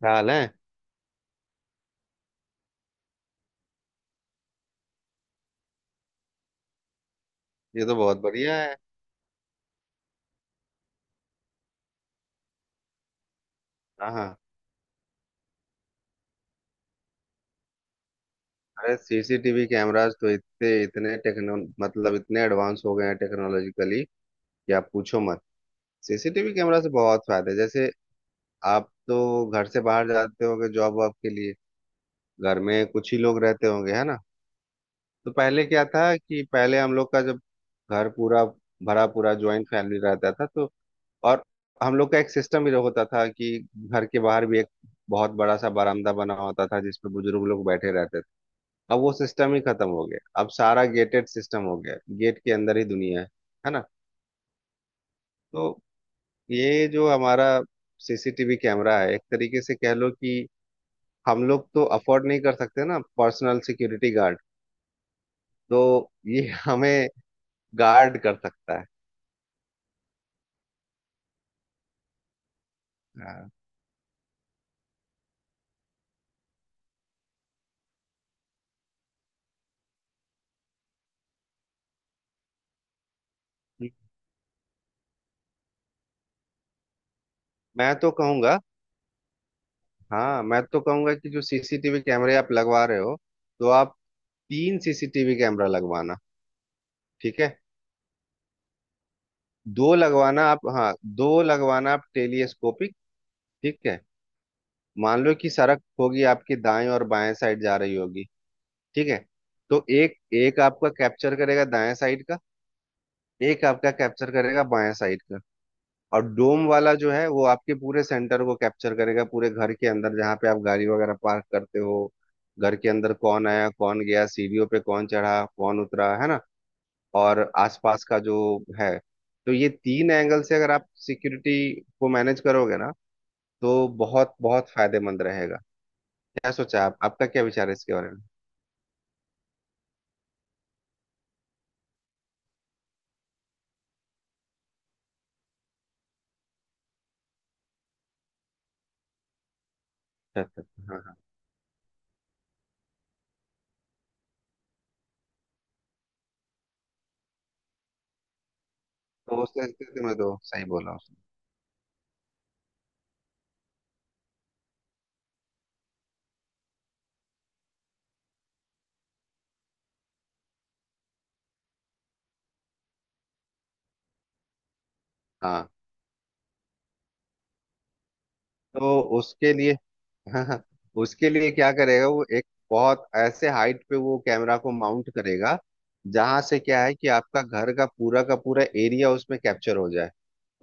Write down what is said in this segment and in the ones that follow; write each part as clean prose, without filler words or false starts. ख्याल है। ये तो बहुत बढ़िया है। हाँ, हाँ। अरे सीसीटीवी कैमरास तो इतने इतने टेक्नो मतलब इतने एडवांस हो गए हैं टेक्नोलॉजिकली कि आप पूछो मत। सीसीटीवी कैमरा से बहुत फायदा है, जैसे आप तो घर से बाहर जाते होंगे जॉब वॉब के लिए। घर में कुछ ही लोग रहते होंगे, है ना? तो पहले क्या था कि पहले हम लोग का जब घर पूरा भरा पूरा ज्वाइंट फैमिली रहता था, तो और हम लोग का एक सिस्टम भी होता था कि घर के बाहर भी एक बहुत बड़ा सा बरामदा बना होता था जिसपे बुजुर्ग लोग बैठे रहते थे। अब वो सिस्टम ही खत्म हो गया, अब सारा गेटेड सिस्टम हो गया, गेट के अंदर ही दुनिया है ना? तो ये जो हमारा सीसीटीवी कैमरा है, एक तरीके से कह लो कि हम लोग तो अफोर्ड नहीं कर सकते ना पर्सनल सिक्योरिटी गार्ड, तो ये हमें गार्ड कर सकता है। हाँ। मैं तो कहूंगा, हाँ, मैं तो कहूंगा कि जो सीसीटीवी कैमरे आप लगवा रहे हो, तो आप तीन सीसीटीवी कैमरा लगवाना। ठीक है। दो लगवाना आप, हाँ, दो लगवाना आप टेलीस्कोपिक। ठीक है। मान लो कि सड़क होगी आपकी, दाएं और बाएं साइड जा रही होगी। ठीक है। तो एक एक आपका कैप्चर करेगा दाएं साइड का, एक आपका कैप्चर करेगा बाएं साइड का। और डोम वाला जो है वो आपके पूरे सेंटर को कैप्चर करेगा, पूरे घर के अंदर जहाँ पे आप गाड़ी वगैरह पार्क करते हो। घर के अंदर कौन आया, कौन गया, सीढ़ियों पे कौन चढ़ा, कौन उतरा, है ना? और आसपास का जो है। तो ये तीन एंगल से अगर आप सिक्योरिटी को मैनेज करोगे ना, तो बहुत बहुत फायदेमंद रहेगा। क्या सोचा आप, आपका क्या विचार है इसके बारे में? अच्छा, अच्छा, अच्छा, हाँ, हाँ। तो उस स्थिति में तो सही बोला उसने। हाँ, तो उसके लिए, हाँ, हाँ, उसके लिए क्या करेगा वो, एक बहुत ऐसे हाइट पे वो कैमरा को माउंट करेगा, जहां से क्या है कि आपका घर का पूरा एरिया उसमें कैप्चर हो जाए।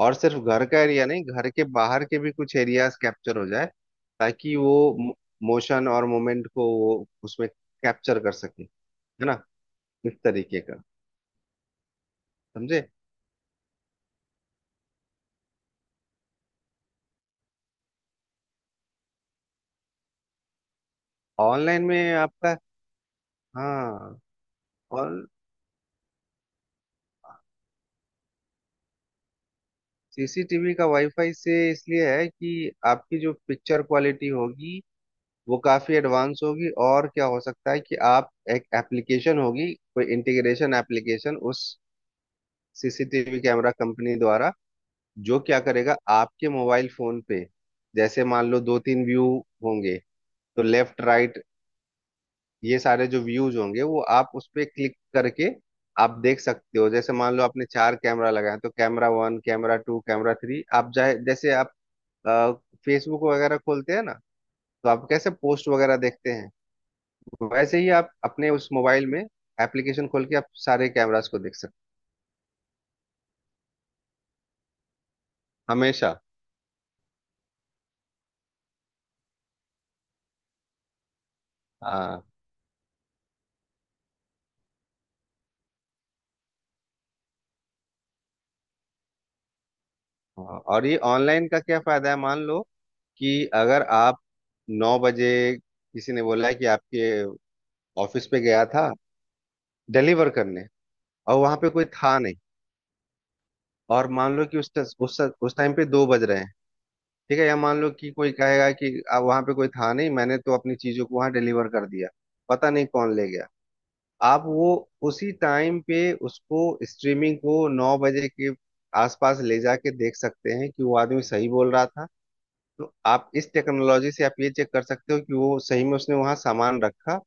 और सिर्फ घर का एरिया नहीं, घर के बाहर के भी कुछ एरियाज कैप्चर हो जाए, ताकि वो मोशन और मोमेंट को वो उसमें कैप्चर कर सके, है ना, इस तरीके का। समझे? ऑनलाइन में आपका, हाँ, और सीसीटीवी का वाईफाई से इसलिए है कि आपकी जो पिक्चर क्वालिटी होगी वो काफी एडवांस होगी। और क्या हो सकता है कि आप एक एप्लीकेशन होगी, कोई इंटीग्रेशन एप्लीकेशन उस सीसीटीवी कैमरा कंपनी द्वारा, जो क्या करेगा आपके मोबाइल फोन पे, जैसे मान लो दो तीन व्यू होंगे, तो लेफ्ट राइट, ये सारे जो व्यूज होंगे वो आप उस पे क्लिक करके आप देख सकते हो। जैसे मान लो आपने चार कैमरा लगाया, तो कैमरा 1, कैमरा 2, कैमरा 3, आप चाहे, जैसे आप फेसबुक वगैरह खोलते हैं ना, तो आप कैसे पोस्ट वगैरह देखते हैं, वैसे ही आप अपने उस मोबाइल में एप्लीकेशन खोल के आप सारे कैमरास को देख सकते हो, हमेशा। हाँ, हाँ। और ये ऑनलाइन का क्या फायदा है, मान लो कि अगर आप 9 बजे, किसी ने बोला है कि आपके ऑफिस पे गया था डिलीवर करने, और वहां पे कोई था नहीं, और मान लो कि उस ट- उस टाइम पे 2 बज रहे हैं। ठीक है, या मान लो कि कोई कहेगा कि अब वहां पे कोई था नहीं, मैंने तो अपनी चीजों को वहां डिलीवर कर दिया, पता नहीं कौन ले गया। आप वो उसी टाइम पे उसको स्ट्रीमिंग को 9 बजे के आसपास ले जाके देख सकते हैं कि वो आदमी सही बोल रहा था। तो आप इस टेक्नोलॉजी से आप ये चेक कर सकते हो कि वो सही में उसने वहां सामान रखा,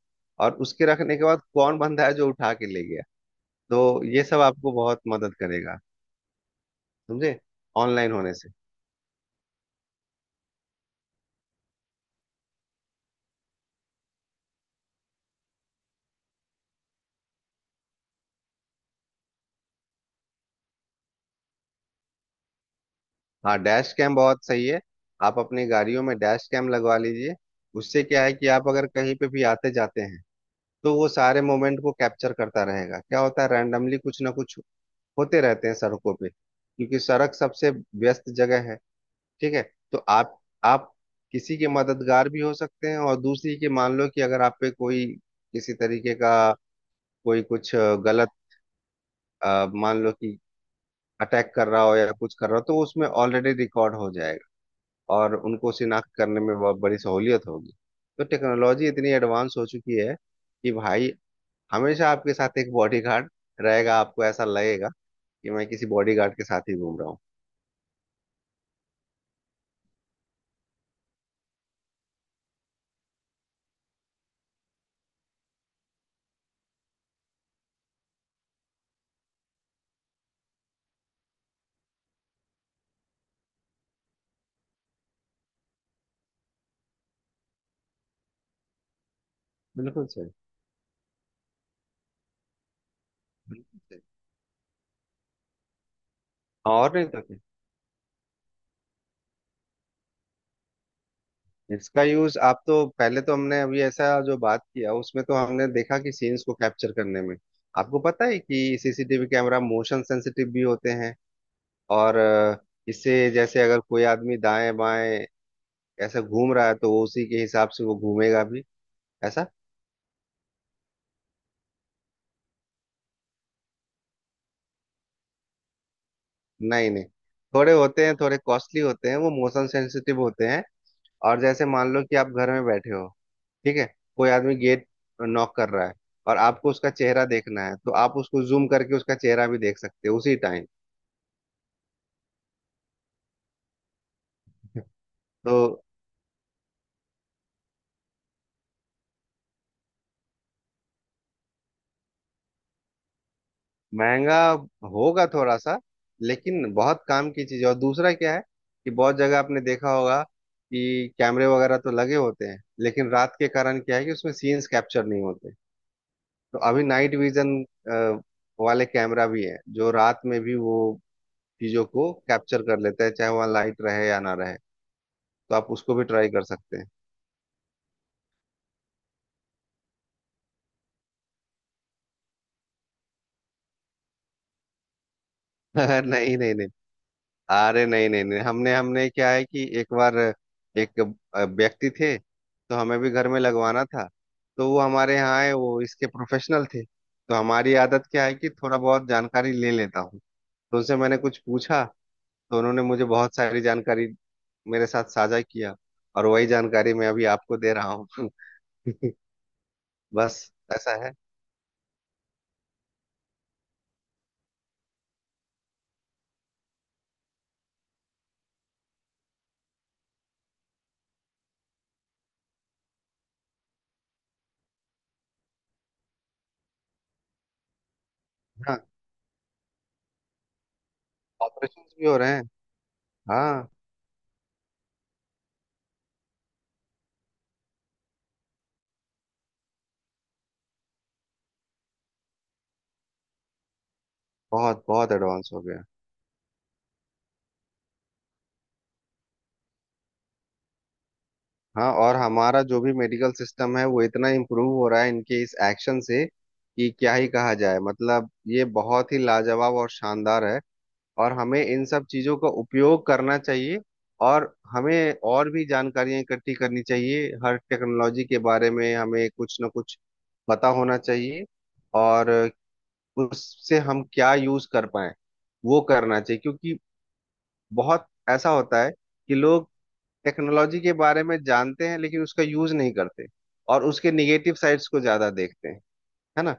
और उसके रखने के बाद कौन बंदा है जो उठा के ले गया। तो ये सब आपको बहुत मदद करेगा, समझे, ऑनलाइन होने से। हाँ, डैश कैम बहुत सही है। आप अपनी गाड़ियों में डैश कैम लगवा लीजिए। उससे क्या है कि आप अगर कहीं पे भी आते जाते हैं, तो वो सारे मोमेंट को कैप्चर करता रहेगा। क्या होता है, रैंडमली कुछ ना कुछ होते रहते हैं सड़कों पे, क्योंकि सड़क सबसे व्यस्त जगह है। ठीक है। तो आप किसी के मददगार भी हो सकते हैं, और दूसरी के मान लो कि अगर आप पे कोई किसी तरीके का कोई कुछ गलत, मान लो कि अटैक कर रहा हो या कुछ कर रहा हो, तो उसमें ऑलरेडी रिकॉर्ड हो जाएगा। और उनको शिनाख्त करने में बहुत बड़ी सहूलियत होगी। तो टेक्नोलॉजी इतनी एडवांस हो चुकी है कि भाई हमेशा आपके साथ एक बॉडीगार्ड रहेगा, आपको ऐसा लगेगा कि मैं किसी बॉडीगार्ड के साथ ही घूम रहा हूँ। बिल्कुल सही। बिल्कुल सही। और नहीं तो क्या, इसका यूज आप, तो पहले तो हमने अभी ऐसा जो बात किया उसमें तो हमने देखा कि सीन्स को कैप्चर करने में, आपको पता है कि सीसीटीवी कैमरा मोशन सेंसिटिव भी होते हैं, और इससे, जैसे अगर कोई आदमी दाएं बाएं ऐसा घूम रहा है तो वो उसी के हिसाब से वो घूमेगा भी, ऐसा। नहीं, नहीं, थोड़े कॉस्टली होते हैं, वो मोशन सेंसिटिव होते हैं। और जैसे मान लो कि आप घर में बैठे हो। ठीक है। कोई आदमी गेट नॉक कर रहा है, और आपको उसका चेहरा देखना है, तो आप उसको जूम करके उसका चेहरा भी देख सकते हो उसी टाइम। तो महंगा होगा थोड़ा सा, लेकिन बहुत काम की चीज है। और दूसरा क्या है कि बहुत जगह आपने देखा होगा कि कैमरे वगैरह तो लगे होते हैं, लेकिन रात के कारण क्या है कि उसमें सीन्स कैप्चर नहीं होते। तो अभी नाइट विजन वाले कैमरा भी है जो रात में भी वो चीजों को कैप्चर कर लेता है, चाहे वहाँ लाइट रहे या ना रहे। तो आप उसको भी ट्राई कर सकते हैं। नहीं, नहीं, नहीं, अरे नहीं, नहीं, नहीं, हमने हमने क्या है कि एक बार एक व्यक्ति थे, तो हमें भी घर में लगवाना था, तो वो हमारे यहाँ आए। वो इसके प्रोफेशनल थे, तो हमारी आदत क्या है कि थोड़ा बहुत जानकारी ले लेता हूँ, तो उनसे मैंने कुछ पूछा, तो उन्होंने मुझे बहुत सारी जानकारी मेरे साथ साझा किया, और वही जानकारी मैं अभी आपको दे रहा हूँ। बस, ऐसा है। हाँ। ऑपरेशन भी हो रहे हैं। हाँ, बहुत बहुत एडवांस हो गया। हाँ, और हमारा जो भी मेडिकल सिस्टम है वो इतना इम्प्रूव हो रहा है इनके इस एक्शन से कि क्या ही कहा जाए, मतलब ये बहुत ही लाजवाब और शानदार है। और हमें इन सब चीजों का उपयोग करना चाहिए, और हमें और भी जानकारियां इकट्ठी करनी चाहिए। हर टेक्नोलॉजी के बारे में हमें कुछ ना कुछ पता होना चाहिए, और उससे हम क्या यूज कर पाए वो करना चाहिए। क्योंकि बहुत ऐसा होता है कि लोग टेक्नोलॉजी के बारे में जानते हैं लेकिन उसका यूज नहीं करते, और उसके निगेटिव साइड्स को ज्यादा देखते हैं, है ना?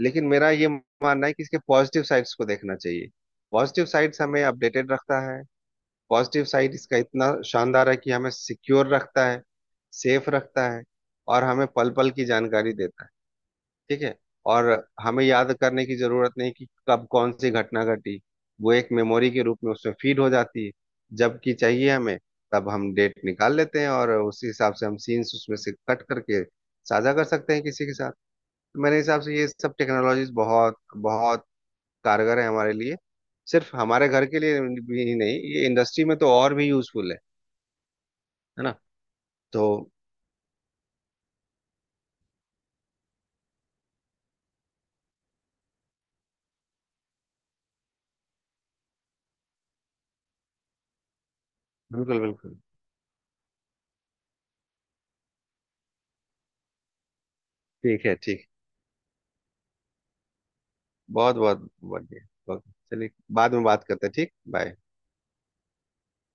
लेकिन मेरा ये मानना है कि इसके पॉजिटिव साइड्स को देखना चाहिए। पॉजिटिव साइड्स हमें अपडेटेड रखता है, पॉजिटिव साइड इसका इतना शानदार है कि हमें सिक्योर रखता है, सेफ रखता है, और हमें पल पल की जानकारी देता है। ठीक है। और हमें याद करने की जरूरत नहीं कि कब कौन सी घटना घटी, वो एक मेमोरी के रूप में उसमें फीड हो जाती है। जबकि चाहिए हमें, तब हम डेट निकाल लेते हैं, और उसी हिसाब से हम सीन्स उसमें से कट करके साझा कर सकते हैं किसी के साथ। तो मेरे हिसाब से ये सब टेक्नोलॉजीज बहुत बहुत कारगर है हमारे लिए, सिर्फ हमारे घर के लिए भी नहीं, ये इंडस्ट्री में तो और भी यूजफुल है ना? तो बिल्कुल, बिल्कुल, ठीक है, ठीक, बहुत बहुत बढ़िया, बहुत-, चलिए, बाद में बात करते हैं, ठीक, बाय।